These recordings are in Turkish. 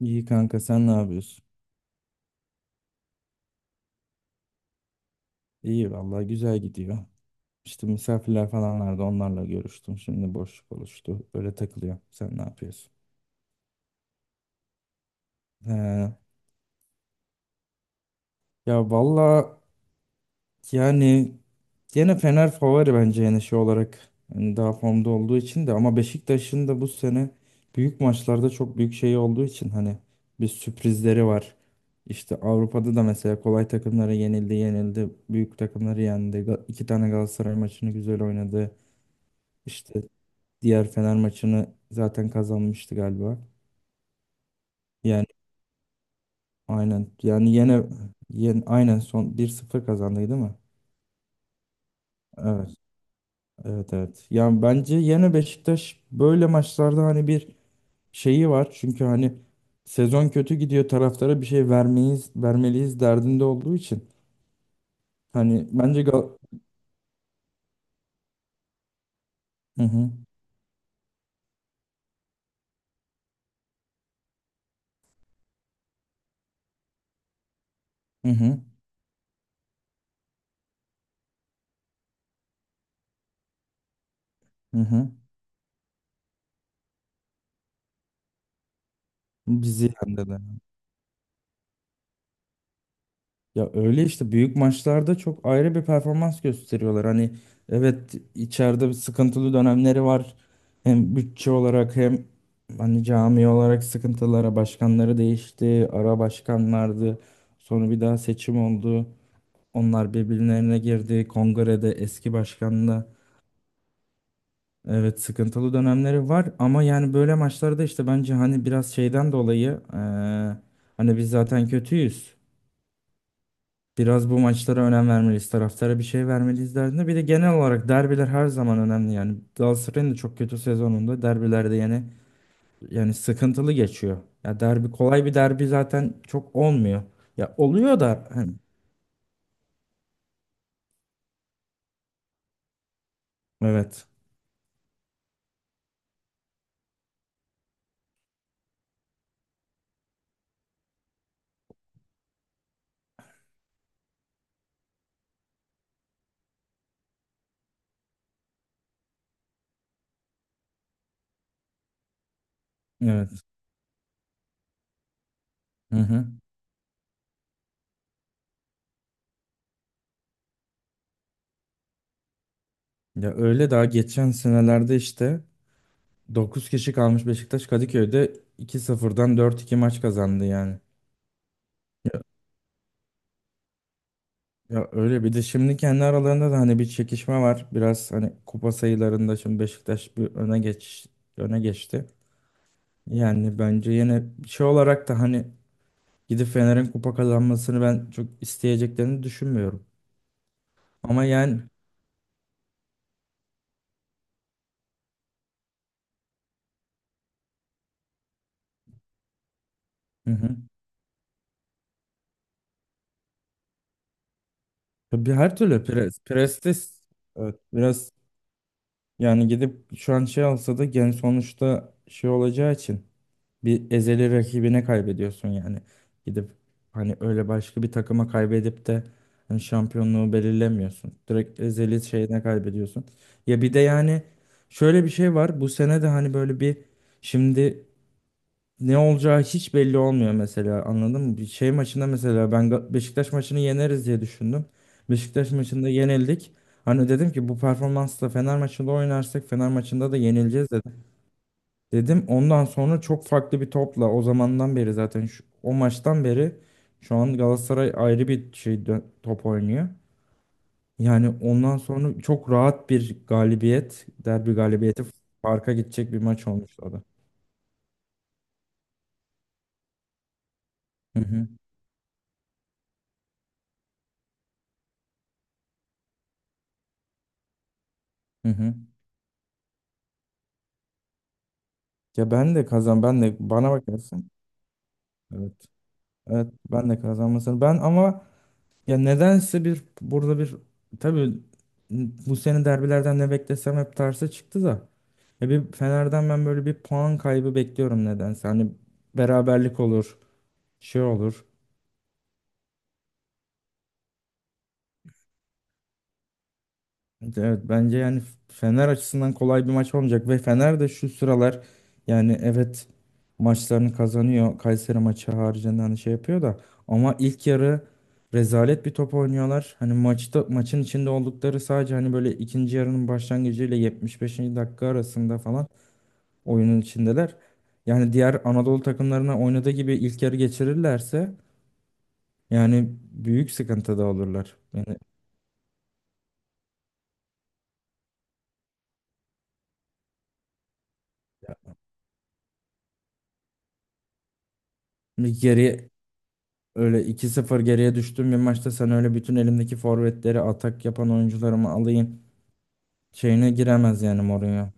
İyi kanka, sen ne yapıyorsun? İyi vallahi, güzel gidiyor. İşte misafirler falan vardı, onlarla görüştüm. Şimdi boşluk oluştu. Öyle takılıyor. Sen ne yapıyorsun? He, ya vallahi, yani gene Fener favori bence, yani şey olarak. Hani daha formda olduğu için de, ama Beşiktaş'ın da bu sene büyük maçlarda çok büyük şey olduğu için hani bir sürprizleri var. İşte Avrupa'da da mesela kolay takımlara yenildi, yenildi. Büyük takımları yendi. İki tane Galatasaray maçını güzel oynadı. İşte diğer Fener maçını zaten kazanmıştı galiba. Yani aynen. Yani yine aynen son 1-0 kazandıydı, değil mi? Evet. Evet, evet. Yani bence yine Beşiktaş böyle maçlarda hani bir şeyi var. Çünkü hani sezon kötü gidiyor, taraftara bir şey vermeyiz vermeliyiz derdinde olduğu için. Hani bence Gal Hı hı, hı hı, hı hı. Bizi yendi de. Ya öyle işte büyük maçlarda çok ayrı bir performans gösteriyorlar. Hani evet, içeride bir sıkıntılı dönemleri var. Hem bütçe olarak, hem hani cami olarak sıkıntılara başkanları değişti. Ara başkanlardı. Sonra bir daha seçim oldu. Onlar birbirlerine girdi. Kongrede eski başkanla evet sıkıntılı dönemleri var. Ama yani böyle maçlarda işte bence hani biraz şeyden dolayı hani biz zaten kötüyüz. Biraz bu maçlara önem vermeliyiz. Taraftara bir şey vermeliyiz derdinde. Bir de genel olarak derbiler her zaman önemli yani. Galatasaray'ın da çok kötü sezonunda derbilerde yani sıkıntılı geçiyor. Ya derbi, kolay bir derbi zaten çok olmuyor. Ya oluyor da hani evet. Evet. Hı hı. Ya öyle daha geçen senelerde işte 9 kişi kalmış Beşiktaş Kadıköy'de 2-0'dan 4-2 maç kazandı yani. Ya öyle bir de şimdi kendi aralarında da hani bir çekişme var. Biraz hani kupa sayılarında şimdi Beşiktaş bir öne geçti. Yani bence yine şey olarak da hani gidip Fener'in kupa kazanmasını ben çok isteyeceklerini düşünmüyorum. Ama yani hı hı. Tabii her türlü prestis evet, biraz yani gidip şu an şey alsa da gen sonuçta şey olacağı için bir ezeli rakibine kaybediyorsun yani. Gidip hani öyle başka bir takıma kaybedip de hani şampiyonluğu belirlemiyorsun. Direkt ezeli şeyine kaybediyorsun. Ya bir de yani şöyle bir şey var. Bu sene de hani böyle bir şimdi ne olacağı hiç belli olmuyor mesela, anladın mı? Bir şey maçında mesela ben Beşiktaş maçını yeneriz diye düşündüm. Beşiktaş maçında yenildik. Hani dedim ki bu performansla Fener maçında oynarsak Fener maçında da yenileceğiz dedim. Dedim ondan sonra çok farklı bir topla o zamandan beri zaten o maçtan beri şu an Galatasaray ayrı bir şey top oynuyor. Yani ondan sonra çok rahat bir galibiyet, derbi galibiyeti farka gidecek bir maç olmuştu o da. Hı hı, hı. Hı. Ya ben de ben de bana bakarsın. Evet. Evet, ben de kazanmasını ben, ama ya nedense bir burada bir, tabii bu sene derbilerden ne beklesem hep tersi çıktı da. Ya bir Fener'den ben böyle bir puan kaybı bekliyorum nedense. Hani beraberlik olur, şey olur. Evet bence yani Fener açısından kolay bir maç olmayacak ve Fener de şu sıralar, yani evet, maçlarını kazanıyor. Kayseri maçı haricinde hani şey yapıyor da, ama ilk yarı rezalet bir top oynuyorlar. Hani maçta maçın içinde oldukları sadece hani böyle ikinci yarının başlangıcıyla 75. dakika arasında falan oyunun içindeler. Yani diğer Anadolu takımlarına oynadığı gibi ilk yarı geçirirlerse, yani büyük sıkıntıda olurlar. Yani bir geri, öyle iki 0 geriye düştüğüm bir maçta sen öyle bütün elimdeki forvetleri atak yapan oyuncularımı alayım şeyine giremez yani Mourinho.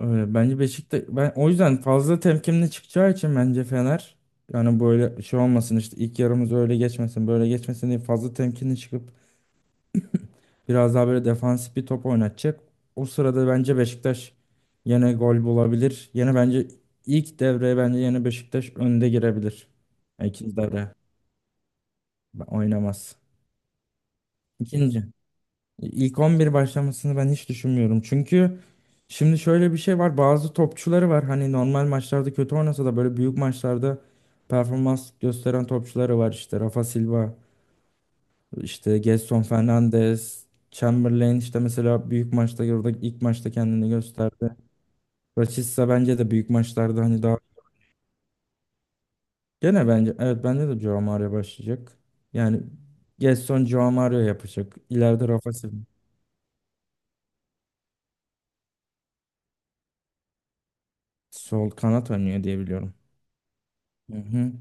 Öyle, bence Beşiktaş, ben o yüzden fazla temkinli çıkacağı için bence Fener, yani böyle şey olmasın işte ilk yarımız öyle geçmesin böyle geçmesin diye fazla temkinli çıkıp biraz daha böyle defansif bir top oynatacak. O sırada bence Beşiktaş yine gol bulabilir. Yine bence ilk devreye bence yine Beşiktaş önde girebilir. Yani İkinci devre oynamaz. İkinci. İlk 11 başlamasını ben hiç düşünmüyorum. Çünkü şimdi şöyle bir şey var. Bazı topçuları var. Hani normal maçlarda kötü oynasa da böyle büyük maçlarda performans gösteren topçuları var. İşte Rafa Silva, işte Gedson Fernandes, Chamberlain işte mesela büyük maçta orada ilk maçta kendini gösterdi. Rashica bence de büyük maçlarda hani daha gene bence, evet bence de Joao Mario başlayacak. Yani Gerson Joao Mario yapacak. İleride Rafa Silva sol kanat oynuyor diye biliyorum. Hı hı.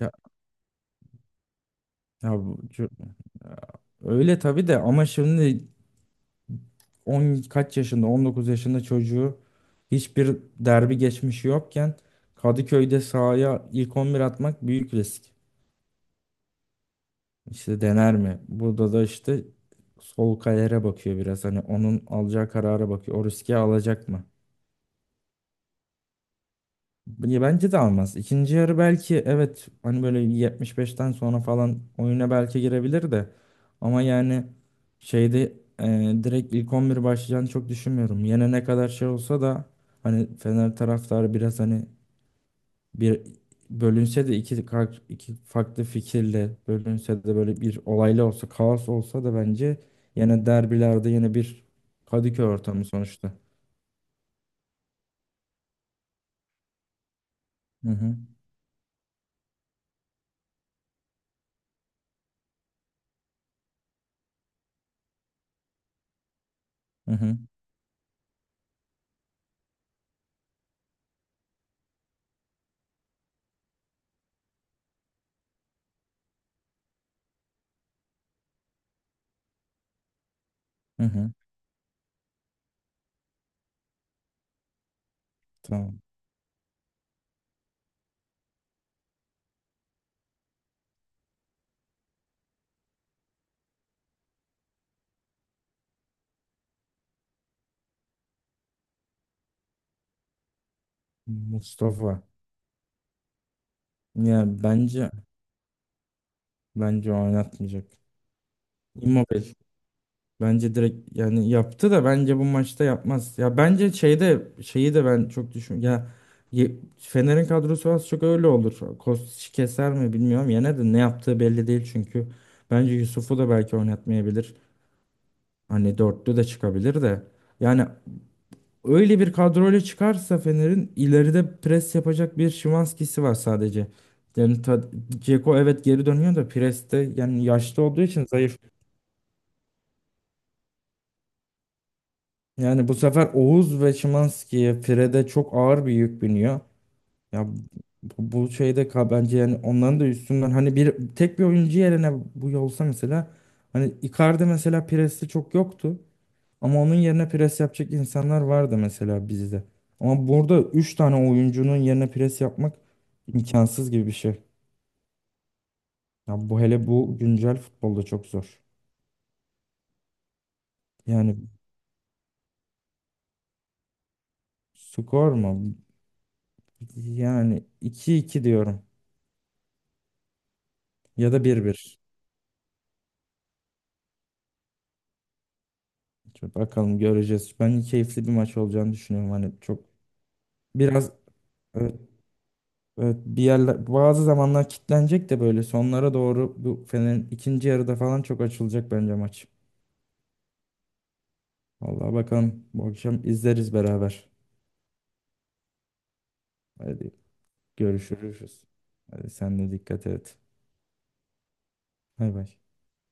Ya, ya bu öyle tabii de, ama şimdi 10 kaç yaşında, 19 yaşında çocuğu hiçbir derbi geçmişi yokken Kadıköy'de sahaya ilk 11 atmak büyük risk. İşte dener mi? Burada da işte sol kayere bakıyor biraz. Hani onun alacağı karara bakıyor. O riski alacak mı? Ya bence de almaz. İkinci yarı belki evet, hani böyle 75'ten sonra falan oyuna belki girebilir de, ama yani şeyde direkt ilk 11 başlayacağını çok düşünmüyorum. Yine ne kadar şey olsa da hani Fener taraftarı biraz hani bir bölünse de, iki farklı fikirle bölünse de, böyle bir olaylı olsa, kaos olsa da bence yine derbilerde yine bir Kadıköy ortamı sonuçta. Hı hı, hı hı, hı. Hı. Tamam. Mustafa. Ya bence oynatmayacak. Immobile bence direkt, yani yaptı da bence bu maçta yapmaz. Ya bence şeyde şeyi de ben çok düşün. Ya Fener'in kadrosu az çok öyle olur. Kostić keser mi bilmiyorum. Yine de ne yaptığı belli değil çünkü. Bence Yusuf'u da belki oynatmayabilir. Hani dörtlü de çıkabilir de. Yani öyle bir kadroyla çıkarsa Fener'in ileride pres yapacak bir Şimanski'si var sadece. Yani ta, Dzeko evet geri dönüyor da preste, yani yaşlı olduğu için zayıf. Yani bu sefer Oğuz ve Şimanski'ye, Fred'e çok ağır bir yük biniyor. Ya bu şeyde bence yani onların da üstünden hani bir tek bir oyuncu yerine bu olsa mesela, hani Icardi mesela presti çok yoktu. Ama onun yerine pres yapacak insanlar vardı mesela bizde. Ama burada 3 tane oyuncunun yerine pres yapmak imkansız gibi bir şey. Ya bu, hele bu güncel futbolda çok zor. Yani skor mu? Yani 2-2 diyorum, ya da 1-1. Çok bakalım, göreceğiz. Ben keyifli bir maç olacağını düşünüyorum. Hani çok biraz, evet, evet, bir yerler bazı zamanlar kilitlenecek de böyle sonlara doğru bu Fener'in ikinci yarıda falan çok açılacak bence maç. Vallahi bakalım, bu akşam izleriz beraber. Hadi görüşürüz. Hadi sen de dikkat et. Bay bay.